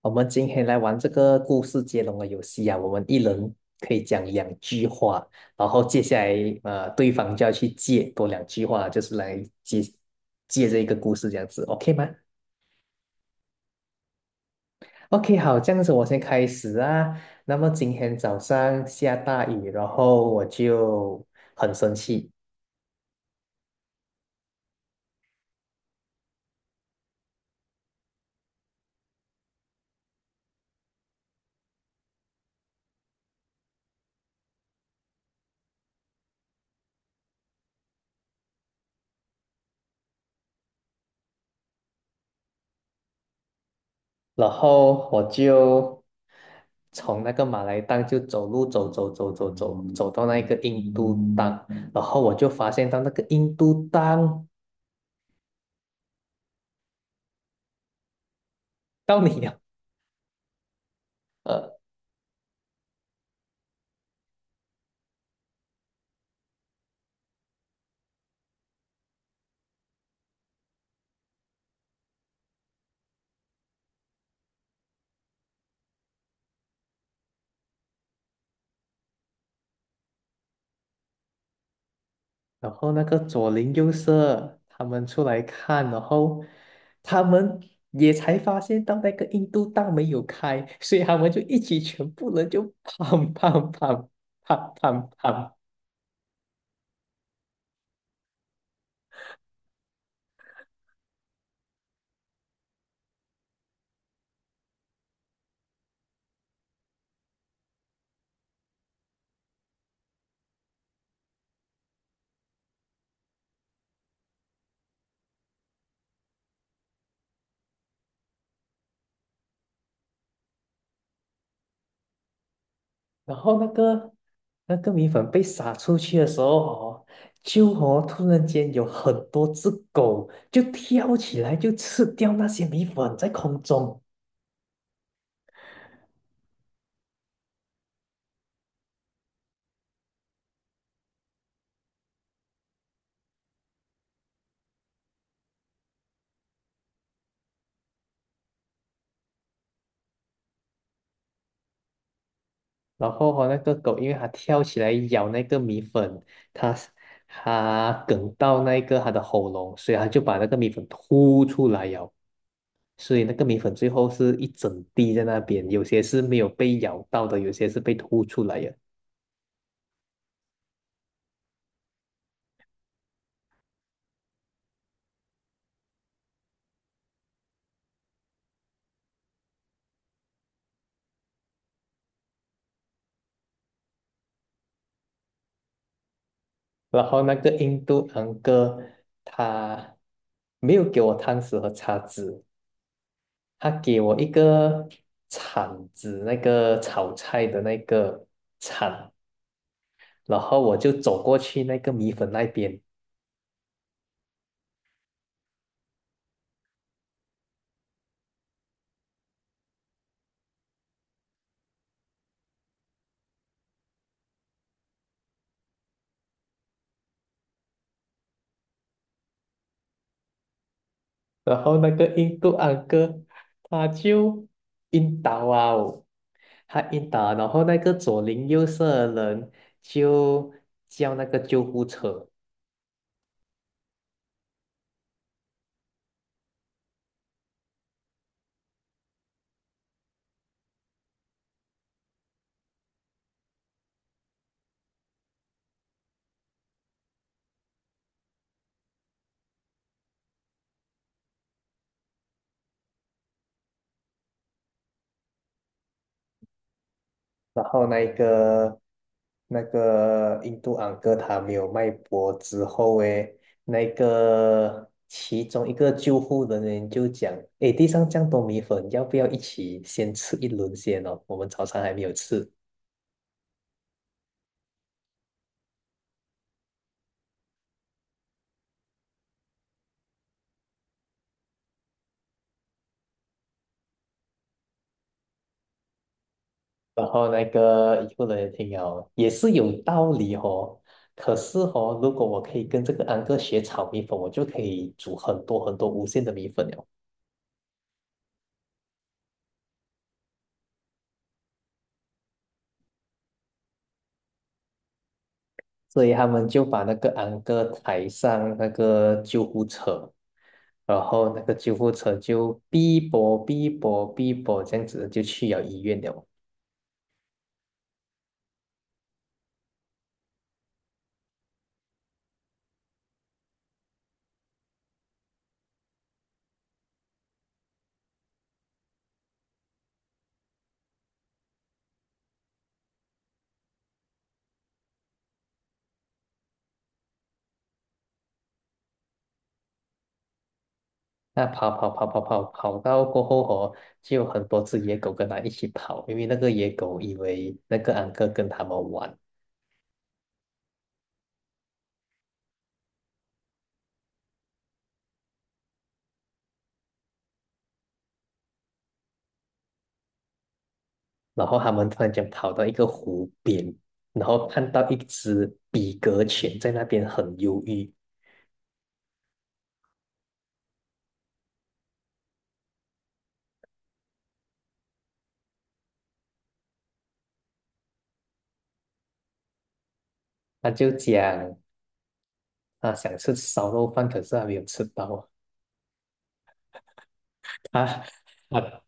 我们今天来玩这个故事接龙的游戏啊，我们一人可以讲两句话，然后接下来对方就要去接多两句话，就是来接接这一个故事这样子，OK 吗？OK，好，这样子我先开始啊。那么今天早上下大雨，然后我就很生气，然后我就从那个马来档就走路走走走走走走到那个印度档，然后我就发现到那个印度档到你了，呃，然后那个左邻右舍他们出来看，然后他们也才发现到那个印度档没有开，所以他们就一起全部人就砰砰砰砰砰砰。然后那个米粉被撒出去的时候哦，就哦突然间有很多只狗就跳起来就吃掉那些米粉在空中，然后哦那个狗因为它跳起来咬那个米粉，它它哽到那个它的喉咙，所以它就把那个米粉吐出来咬，所以那个米粉最后是一整滴在那边，有些是没有被咬到的，有些是被吐出来的。然后那个印度昂哥他没有给我汤匙和叉子，他给我一个铲子，那个炒菜的那个铲，然后我就走过去那个米粉那边，然后那个印度昂哥他就晕倒啊哦他晕倒，然后那个左邻右舍的人就叫那个救护车。然后那一个那个印度安哥他没有脉搏之后，诶，那个其中一个救护人员就讲，诶，地上这样多米粉，要不要一起先吃一轮先哦？我们早餐还没有吃。然后那个医护人员听了也是有道理哦，可是哦，如果我可以跟这个安哥学炒米粉，我就可以煮很多很多无限的米粉了。所以他们就把那个安哥抬上那个救护车，然后那个救护车就哔啵哔啵哔啵这样子就去了医院了。那跑跑跑跑跑跑到过后哦，就有很多只野狗跟他一起跑，因为那个野狗以为那个安哥跟他们玩，然后他们突然间跑到一个湖边，然后看到一只比格犬在那边很忧郁，他就讲啊想吃烧肉饭，可是还没有吃到。啊啊，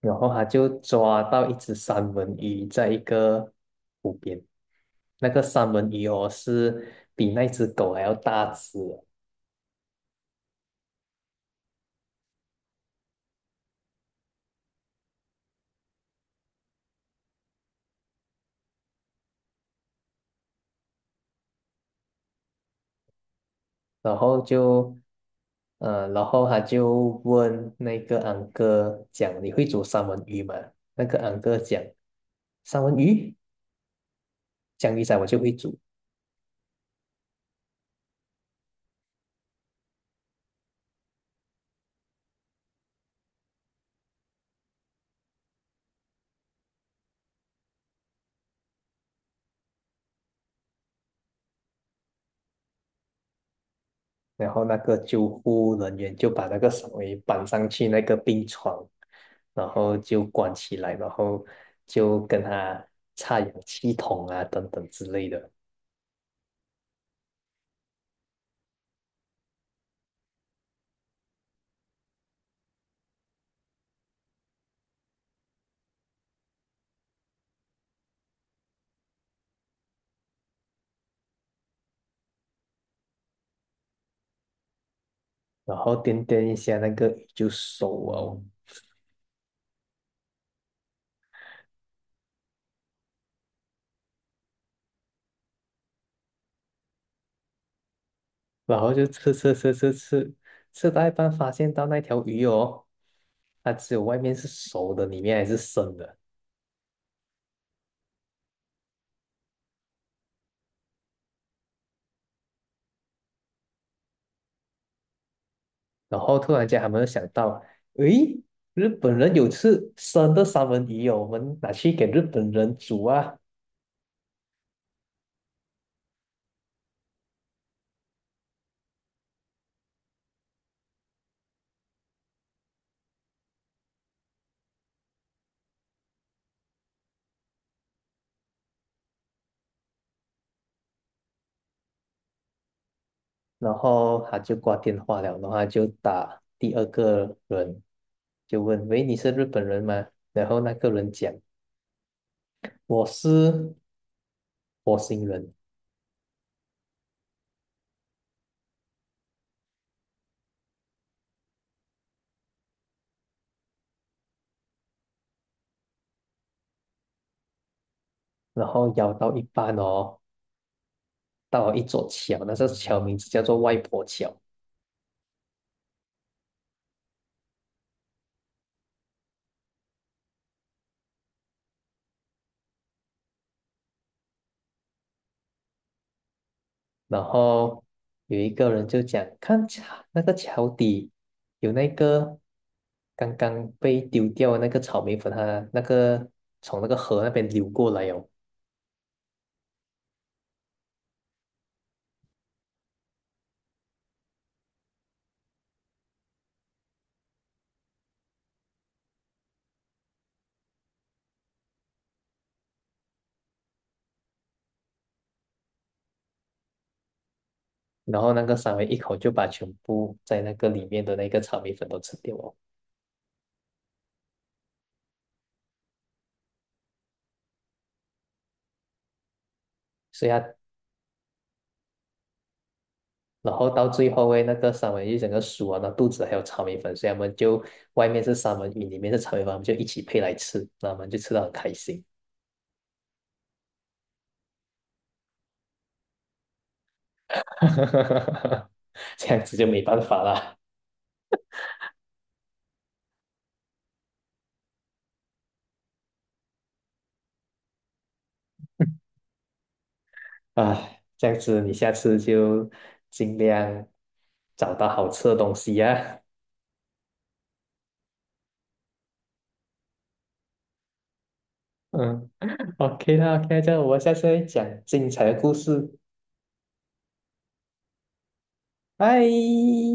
然后他就抓到一只三文鱼在一个湖边，那个三文鱼哦是比那只狗还要大只的然后就，呃，然后他就问那个安哥讲你会煮三文鱼吗？那个安哥讲三文鱼，江鱼仔我就会煮。然后那个救护人员就把那个手给绑上去那个病床，然后就关起来，然后就跟他插氧气筒啊等等之类的，然后掂掂一下那个鱼就熟哦，然后就吃吃吃吃吃，吃到一半发现到那条鱼哦，它只有外面是熟的，里面还是生的，然后突然间他们就想到，诶。日本人有吃生的三文鱼哦，我们拿去给日本人煮啊。然后他就挂电话了，然后他就打第二个人，就问：“喂，你是日本人吗？”然后那个人讲：“我是火星人。”然后摇到一半哦，到了一座桥，那座桥名字叫做外婆桥。然后有一个人就讲：“看桥，那个桥底有那个刚刚被丢掉的那个草莓粉，它那个从那个河那边流过来哦。”然后那个三文一口就把全部在那个里面的那个炒米粉都吃掉哦，所以啊，然后到最后诶，那个三文鱼整个熟啊，那肚子还有炒米粉，所以他们就外面是三文鱼，里面是炒米粉，他们就一起配来吃，那我们就吃到很开心，这样子就没办法啦，唉，这样子你下次就尽量找到好吃的东西呀、嗯，OK 啦，OK，这样我们下次再讲精彩的故事，拜。